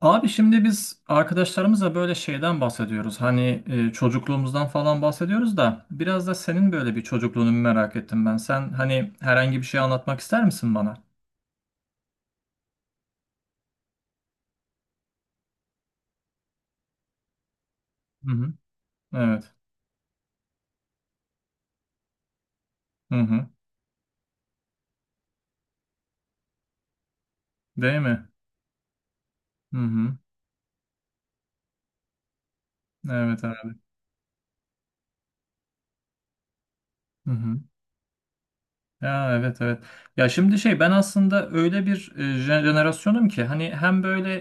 Abi şimdi biz arkadaşlarımızla böyle şeyden bahsediyoruz. Hani çocukluğumuzdan falan bahsediyoruz da biraz da senin böyle bir çocukluğunu merak ettim ben. Sen hani herhangi bir şey anlatmak ister misin bana? Hı hı. Evet. Hı hı. Değil mi? Hı hı. Evet abi. Hı hı. Ya, evet, evet. Ya şimdi şey ben aslında öyle bir jenerasyonum ki hani hem böyle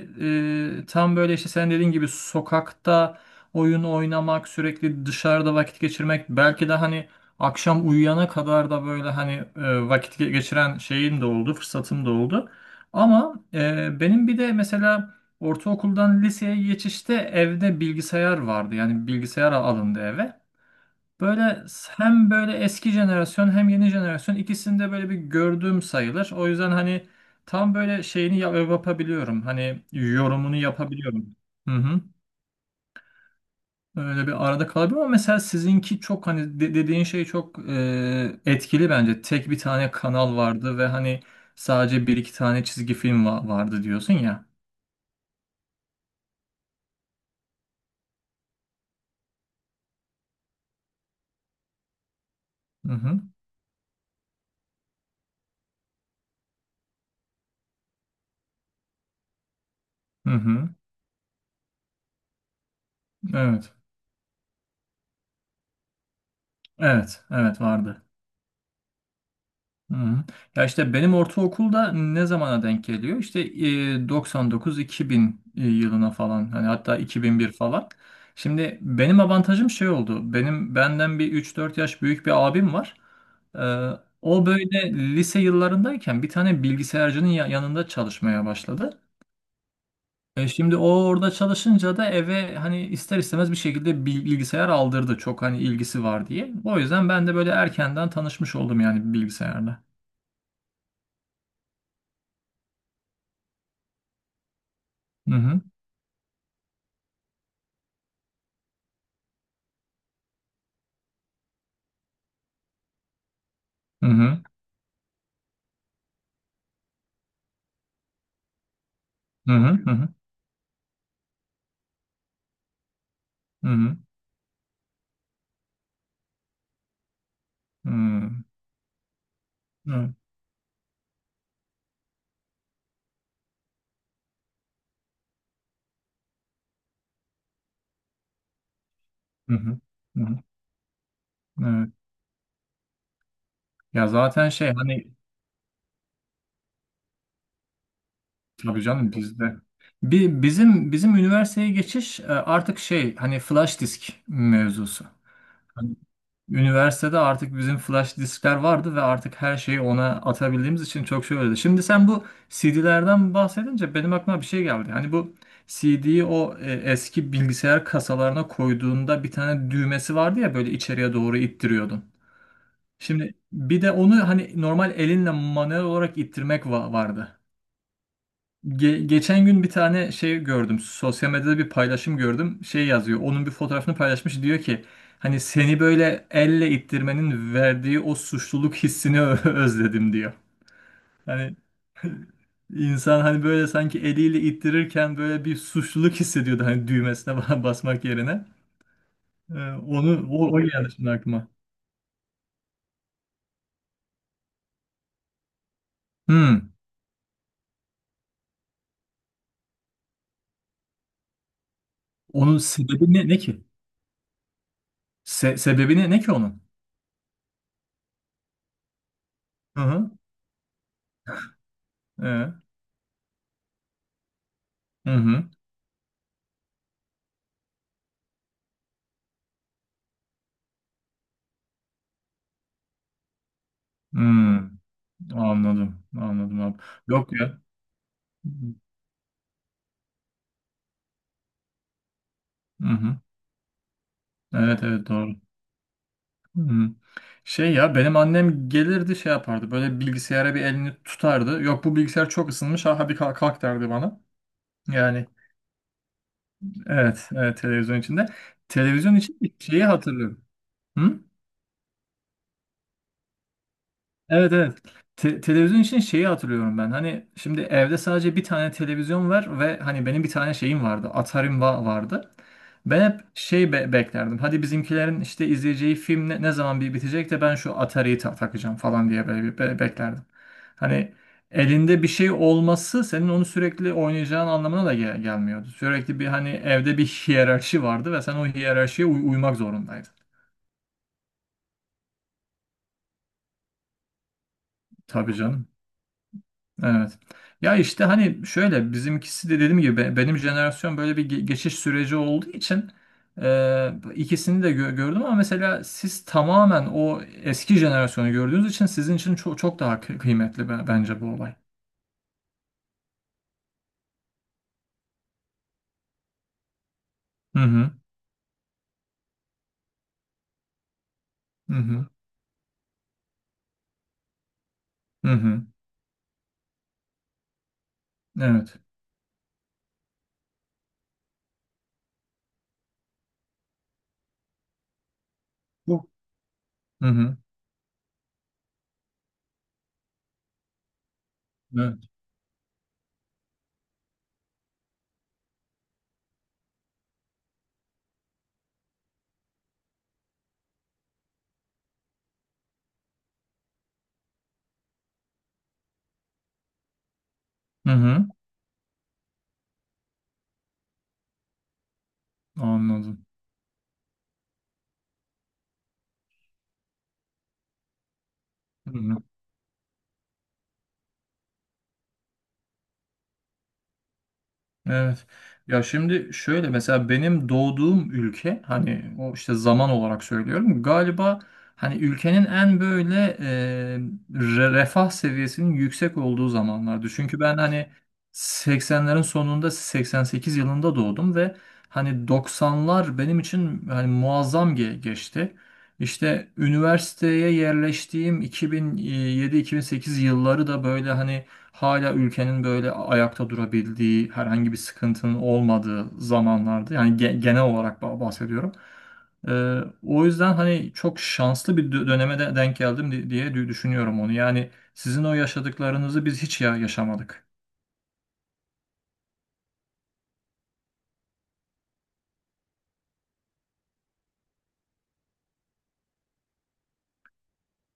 tam böyle işte sen dediğin gibi sokakta oyun oynamak, sürekli dışarıda vakit geçirmek, belki de hani akşam uyuyana kadar da böyle hani vakit geçiren şeyim de oldu, fırsatım da oldu. Ama benim bir de mesela ortaokuldan liseye geçişte evde bilgisayar vardı. Yani bilgisayar alındı eve. Böyle hem böyle eski jenerasyon hem yeni jenerasyon ikisinde böyle bir gördüğüm sayılır. O yüzden hani tam böyle şeyini yapabiliyorum. Hani yorumunu yapabiliyorum. Hı hı. Öyle bir arada kalabiliyorum ama mesela sizinki çok hani dediğin şey çok etkili bence. Tek bir tane kanal vardı ve hani sadece bir iki tane çizgi film vardı diyorsun ya. Hı hı. Hı hı. Evet. Evet. Evet vardı. Hı. Ya işte benim ortaokulda ne zamana denk geliyor? İşte 99-2000 yılına falan, hani hatta 2001 falan. Şimdi benim avantajım şey oldu. Benim benden bir 3-4 yaş büyük bir abim var. Ee, o böyle lise yıllarındayken bir tane bilgisayarcının yanında çalışmaya başladı. E şimdi o orada çalışınca da eve hani ister istemez bir şekilde bilgisayar aldırdı. Çok hani ilgisi var diye. O yüzden ben de böyle erkenden tanışmış oldum yani bilgisayarla. Hı hı. Hı hı. Hı hı hı hı hı hı hı. Evet, hı hı hı, hı. Evet. Ya zaten şey hani, tabii canım bizde. Bizim üniversiteye geçiş, artık şey hani flash disk mevzusu. Hani üniversitede artık bizim flash diskler vardı ve artık her şeyi ona atabildiğimiz için çok şey öyleydi. Şimdi sen bu CD'lerden bahsedince benim aklıma bir şey geldi. Hani bu CD'yi o eski bilgisayar kasalarına koyduğunda bir tane düğmesi vardı ya, böyle içeriye doğru ittiriyordun. Şimdi bir de onu hani normal elinle manuel olarak ittirmek vardı. Geçen gün bir tane şey gördüm. Sosyal medyada bir paylaşım gördüm. Şey yazıyor. Onun bir fotoğrafını paylaşmış. Diyor ki hani, seni böyle elle ittirmenin verdiği o suçluluk hissini özledim diyor. Hani insan hani böyle sanki eliyle ittirirken böyle bir suçluluk hissediyordu hani, düğmesine basmak yerine. Onu o geldi şimdi aklıma. Hmm. Onun sebebi ne ki? Sebebi ne ki onun? Hı hı. Ee, hı hı. Hmm, anladım. Anladım abi. Yok ya. Hı hı. Evet, evet doğru. Hı hı. Şey ya, benim annem gelirdi, şey yapardı. Böyle bilgisayara bir elini tutardı. Yok, bu bilgisayar çok ısınmış. Ha, hadi kalk, kalk derdi bana. Yani evet, evet televizyon içinde. Televizyon için şeyi hatırlıyorum. Hı? Evet, evet. Televizyon için şeyi hatırlıyorum ben. Hani şimdi evde sadece bir tane televizyon var ve hani benim bir tane şeyim vardı. Atari'm vardı. Ben hep şey beklerdim. Hadi bizimkilerin işte izleyeceği film ne zaman bir bitecek de ben şu Atari'yi takacağım falan diye böyle bir beklerdim. Hani elinde bir şey olması senin onu sürekli oynayacağın anlamına da gelmiyordu. Sürekli bir hani, evde bir hiyerarşi vardı ve sen o hiyerarşiye uymak zorundaydın. Tabii canım. Evet. Ya işte hani şöyle, bizimkisi de dediğim gibi, benim jenerasyon böyle bir geçiş süreci olduğu için ikisini de gördüm, ama mesela siz tamamen o eski jenerasyonu gördüğünüz için sizin için çok çok daha kıymetli bence bu olay. Hı hı. Hı hı. Hı hı. Evet. Bu. Hı hı. Evet. Hı hı. Anladım. Hı hı. Evet. Ya şimdi şöyle, mesela benim doğduğum ülke hani, o işte zaman olarak söylüyorum galiba, hani ülkenin en böyle refah seviyesinin yüksek olduğu zamanlardı. Çünkü ben hani 80'lerin sonunda, 88 yılında doğdum ve hani 90'lar benim için hani muazzam geçti. İşte üniversiteye yerleştiğim 2007-2008 yılları da böyle hani hala ülkenin böyle ayakta durabildiği, herhangi bir sıkıntının olmadığı zamanlarda, yani genel olarak bahsediyorum. Ee, o yüzden hani çok şanslı bir döneme de denk geldim diye düşünüyorum onu. Yani sizin o yaşadıklarınızı biz hiç ya yaşamadık.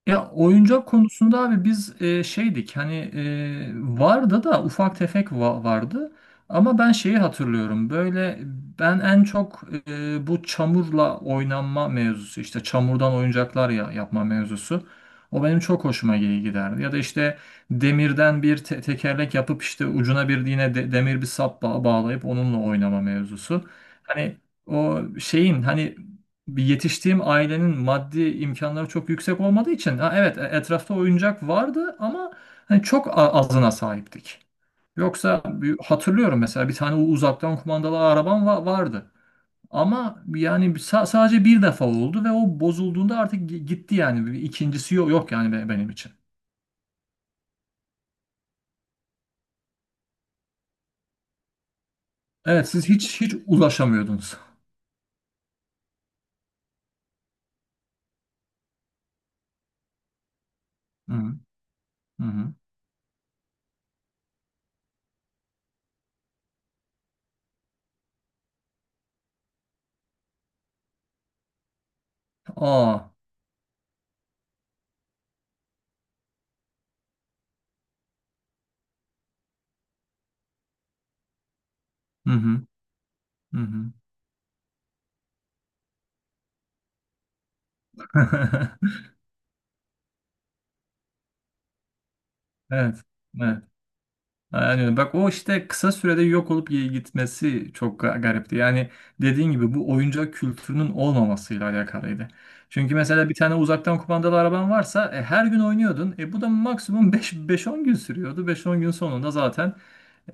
Ya oyuncak konusunda abi, biz şeydik hani, vardı da ufak tefek vardı, ama ben şeyi hatırlıyorum böyle, ben en çok bu çamurla oynanma mevzusu, işte çamurdan oyuncaklar ya, yapma mevzusu, o benim çok hoşuma giderdi. Ya da işte demirden bir tekerlek yapıp işte ucuna bir yine demir bir sap bağlayıp onunla oynama mevzusu, hani o şeyin hani, bir yetiştiğim ailenin maddi imkanları çok yüksek olmadığı için, ha evet etrafta oyuncak vardı ama hani çok azına sahiptik. Yoksa hatırlıyorum mesela bir tane uzaktan kumandalı arabam vardı. Ama yani sadece bir defa oldu ve o bozulduğunda artık gitti yani. Bir İkincisi yok, yok yani benim için. Evet, siz hiç hiç ulaşamıyordunuz. Hı hı. Hı hı. Aa. Hı hı. Hı hı. Evet. Evet. Aynen öyle. Bak, o işte kısa sürede yok olup iyi gitmesi çok garipti. Yani dediğin gibi, bu oyuncak kültürünün olmamasıyla alakalıydı. Çünkü mesela bir tane uzaktan kumandalı araban varsa, her gün oynuyordun. E, bu da maksimum beş on gün sürüyordu. Beş on gün sonunda zaten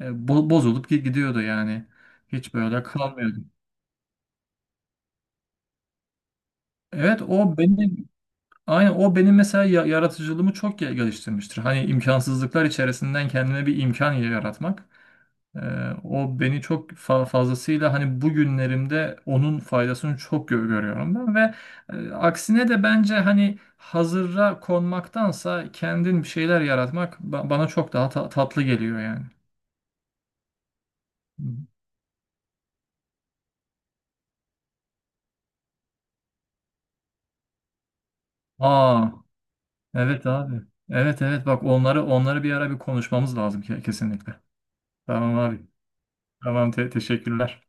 bozulup gidiyordu yani. Hiç böyle kalmıyordu. Evet o benim aynen o benim mesela yaratıcılığımı çok geliştirmiştir. Hani imkansızlıklar içerisinden kendime bir imkan yaratmak. Ee, o beni çok fazlasıyla hani, bugünlerimde onun faydasını çok görüyorum ben ve aksine de bence hani hazıra konmaktansa kendin bir şeyler yaratmak bana çok daha tatlı geliyor yani. Hı. Aa, evet abi. Evet, evet, bak onları bir ara bir konuşmamız lazım kesinlikle. Tamam abi. Tamam, teşekkürler.